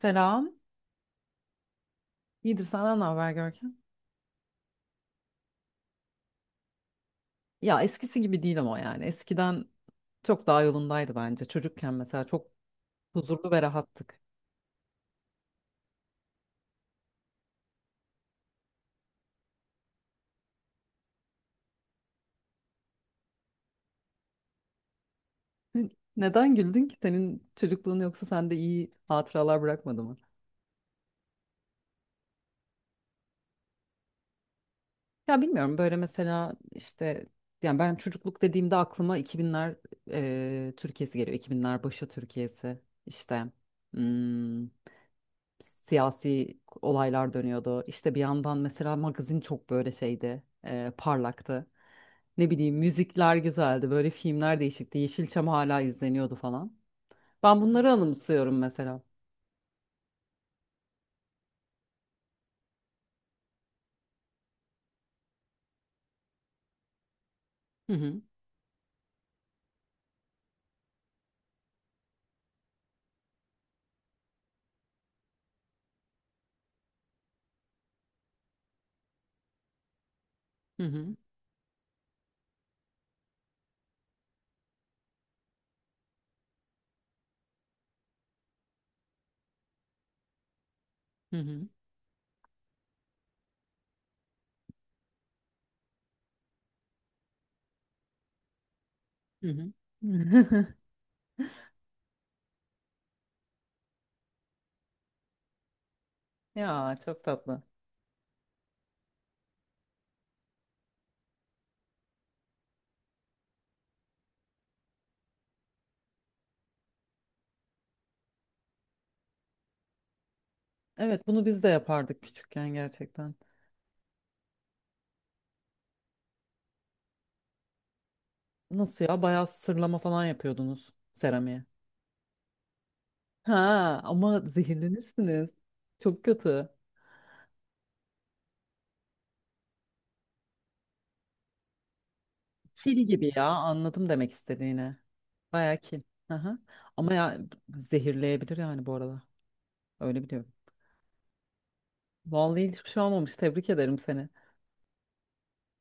Selam. İyidir senden ne haber Görkem? Ya eskisi gibi değil ama yani eskiden çok daha yolundaydı bence. Çocukken mesela çok huzurlu ve rahattık. Hı. Neden güldün ki? Senin çocukluğun yoksa sende iyi hatıralar bırakmadı mı? Ya bilmiyorum, böyle mesela işte yani ben çocukluk dediğimde aklıma 2000'ler Türkiye'si geliyor. 2000'ler başı Türkiye'si işte. hmm, Siyasi olaylar dönüyordu. İşte bir yandan mesela magazin çok böyle şeydi, parlaktı. Ne bileyim müzikler güzeldi, böyle filmler değişikti. Yeşilçam hala izleniyordu falan. Ben bunları anımsıyorum mesela. Hı hı. Hı hı. Hı hı. Hı hı. Ya çok tatlı. Evet bunu biz de yapardık küçükken gerçekten. Nasıl ya, bayağı sırlama falan yapıyordunuz seramiğe. Ha, ama zehirlenirsiniz. Çok kötü. Kil gibi ya, anladım demek istediğini. Bayağı kil. Aha. Ama ya zehirleyebilir yani bu arada. Öyle biliyorum. Vallahi hiçbir şey olmamış. Tebrik ederim seni.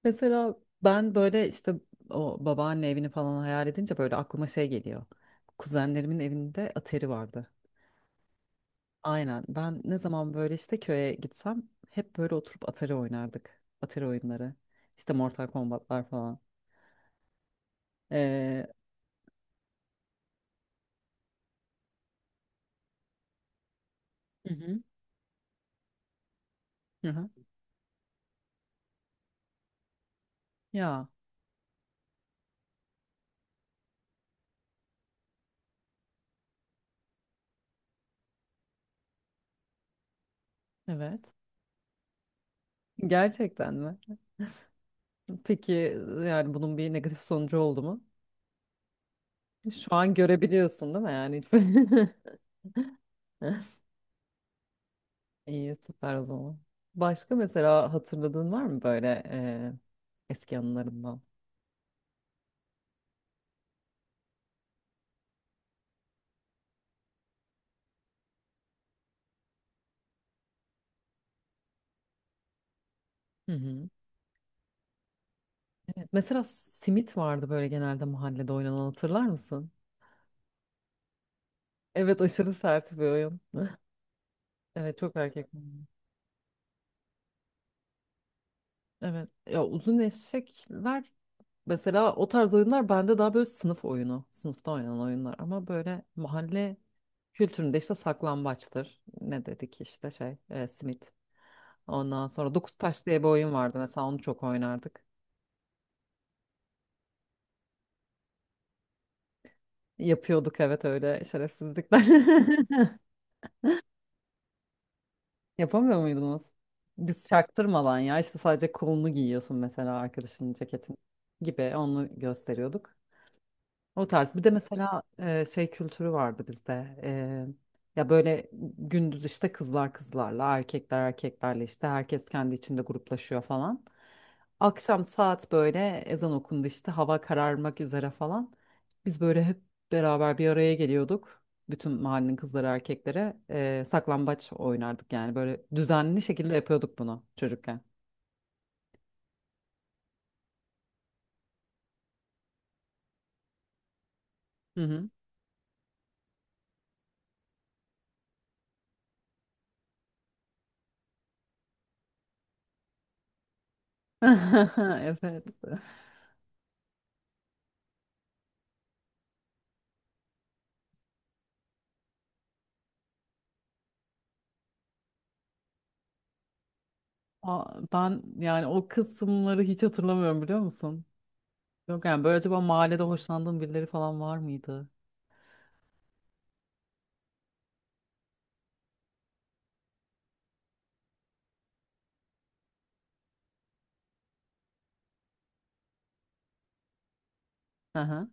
Mesela ben böyle işte o babaanne evini falan hayal edince böyle aklıma şey geliyor. Kuzenlerimin evinde atari vardı. Aynen. Ben ne zaman böyle işte köye gitsem hep böyle oturup atari oynardık. Atari oyunları. İşte Mortal Kombat'lar falan. Ee, Hı hı. Hı hı. Ya evet. Gerçekten mi? Peki yani bunun bir negatif sonucu oldu mu? Şu an görebiliyorsun değil mi yani? İyi, süper o zaman. Başka mesela hatırladığın var mı böyle eski anılarından? Hı hı. Evet, mesela simit vardı böyle genelde mahallede oynanan, hatırlar mısın? Evet, aşırı sert bir oyun. Evet, çok erkek oyunu. Evet ya, uzun eşekler. Mesela o tarz oyunlar bende daha böyle sınıf oyunu, sınıfta oynanan oyunlar, ama böyle mahalle kültüründe işte saklambaçtır. Ne dedik işte şey, simit. Ondan sonra dokuz taş diye bir oyun vardı mesela, onu çok oynardık. Yapıyorduk, evet, öyle şerefsizlikler. Yapamıyor muydunuz? Biz çaktırmadan ya işte sadece kolunu giyiyorsun mesela arkadaşının ceketini gibi, onu gösteriyorduk. O tarz. Bir de mesela şey kültürü vardı bizde. Ya böyle gündüz işte kızlar kızlarla, erkekler erkeklerle, işte herkes kendi içinde gruplaşıyor falan. Akşam saat böyle ezan okundu, işte hava kararmak üzere falan. Biz böyle hep beraber bir araya geliyorduk. Bütün mahallenin kızları erkeklere saklambaç oynardık yani, böyle düzenli şekilde yapıyorduk bunu çocukken. Hı hı. Evet. Aa, ben yani o kısımları hiç hatırlamıyorum, biliyor musun? Yok yani, böyle acaba mahallede hoşlandığın birileri falan var mıydı? Hı hı.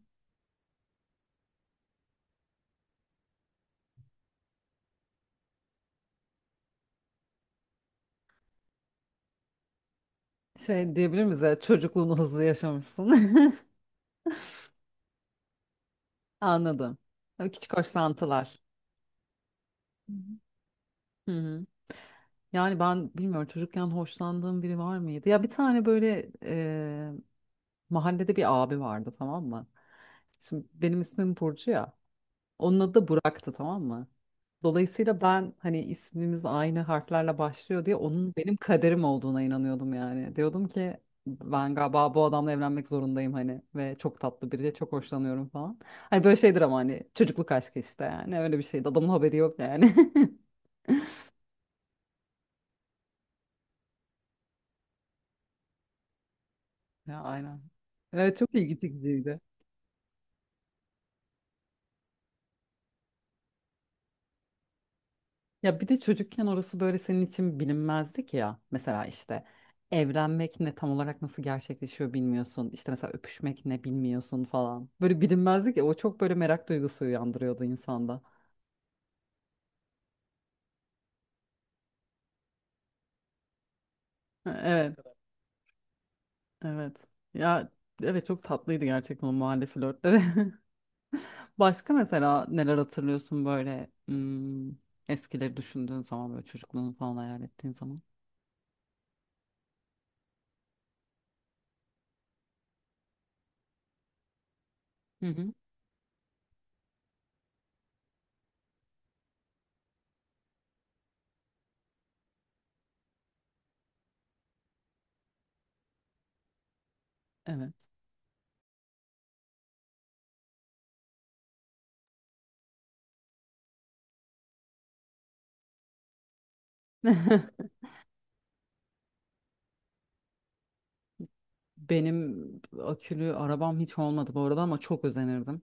Şey diyebilir miyiz ya, çocukluğunu hızlı yaşamışsın. Anladım. Böyle küçük hoşlantılar. Hı hı. Hı hı. Yani ben bilmiyorum, çocukken hoşlandığım biri var mıydı? Ya bir tane böyle mahallede bir abi vardı, tamam mı? Şimdi benim ismim Burcu ya. Onun adı da Burak'tı, tamam mı? Dolayısıyla ben hani ismimiz aynı harflerle başlıyor diye onun benim kaderim olduğuna inanıyordum yani. Diyordum ki ben galiba bu adamla evlenmek zorundayım, hani ve çok tatlı biri, çok hoşlanıyorum falan. Hani böyle şeydir ama hani çocukluk aşkı işte, yani öyle bir şeydi. Adamın haberi yok yani. Ya aynen. Evet çok ilgi çekiciydi. Ya bir de çocukken orası böyle senin için bilinmezdik ya. Mesela işte evlenmek ne, tam olarak nasıl gerçekleşiyor bilmiyorsun. İşte mesela öpüşmek ne bilmiyorsun falan. Böyle bilinmezdik ya, o çok böyle merak duygusu uyandırıyordu insanda. Evet, evet. Ya evet, çok tatlıydı gerçekten o mahalle flörtleri. Başka mesela neler hatırlıyorsun böyle eskileri düşündüğün zaman, böyle çocukluğunu falan hayal ettiğin zaman? Hı hı. Evet. Benim akülü arabam hiç olmadı bu arada, ama çok özenirdim.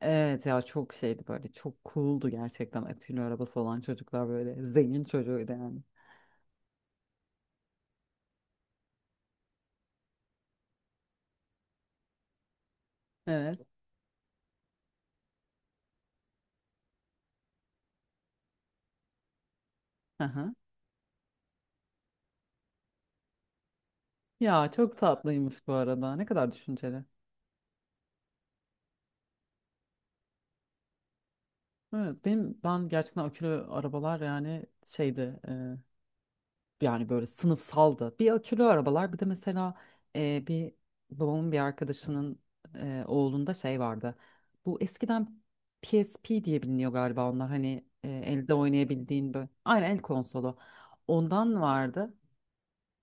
Evet ya, çok şeydi böyle, çok cool'du gerçekten akülü arabası olan çocuklar, böyle zengin çocuğuydu yani. Evet. Aha. Ya çok tatlıymış bu arada, ne kadar düşünceli. Evet benim, ben gerçekten akülü arabalar yani şeydi, yani böyle sınıfsaldı. Bir akülü arabalar, bir de mesela bir babamın bir arkadaşının oğlunda şey vardı. Bu eskiden PSP diye biliniyor galiba onlar, hani elde oynayabildiğin böyle. Aynen el konsolu. Ondan vardı.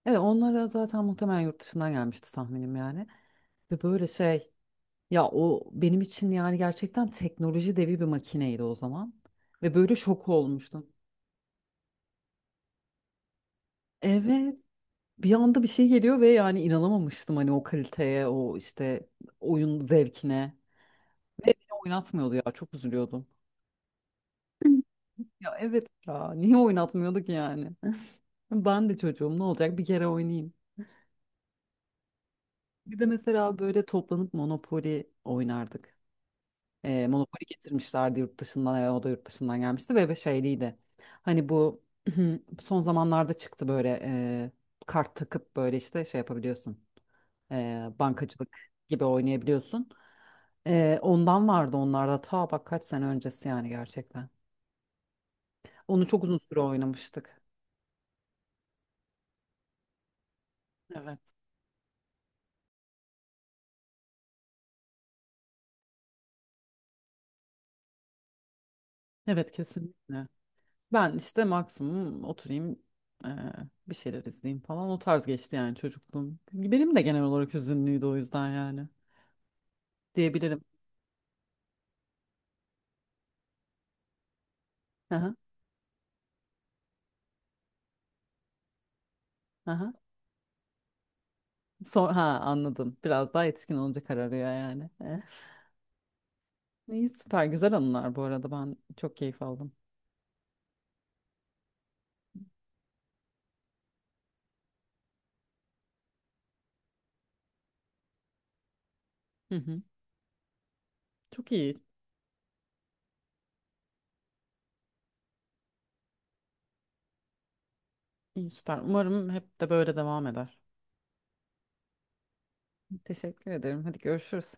Evet, onlara zaten muhtemelen yurt dışından gelmişti tahminim yani. Ve böyle şey, ya o benim için yani gerçekten teknoloji devi bir makineydi o zaman. Ve böyle şok olmuştum. Evet, bir anda bir şey geliyor ve yani inanamamıştım hani o kaliteye, o işte oyun zevkine. Ve beni oynatmıyordu ya, çok üzülüyordum. Ya evet ya, niye oynatmıyorduk yani? Ben de çocuğum, ne olacak, bir kere oynayayım. Bir de mesela böyle toplanıp Monopoly oynardık. Monopoly getirmişlerdi yurt dışından, o da yurt dışından gelmişti ve şeyliydi. Hani bu son zamanlarda çıktı böyle kart takıp böyle işte şey yapabiliyorsun. Bankacılık gibi oynayabiliyorsun. Ondan vardı onlarda, ta bak kaç sene öncesi yani gerçekten. Onu çok uzun süre oynamıştık. Evet. Evet kesinlikle. Ben işte maksimum oturayım, eee, bir şeyler izleyeyim falan, o tarz geçti yani çocukluğum. Benim de genel olarak hüzünlüydü o yüzden, yani diyebilirim. Aha. Aha. Son, ha, anladım. Biraz daha yetişkin olunca kararıyor yani. Eh. İyi, süper güzel anılar bu arada, ben çok keyif aldım. Hı hı. Çok iyi. İyi, süper. Umarım hep de böyle devam eder. Teşekkür ederim. Hadi, görüşürüz.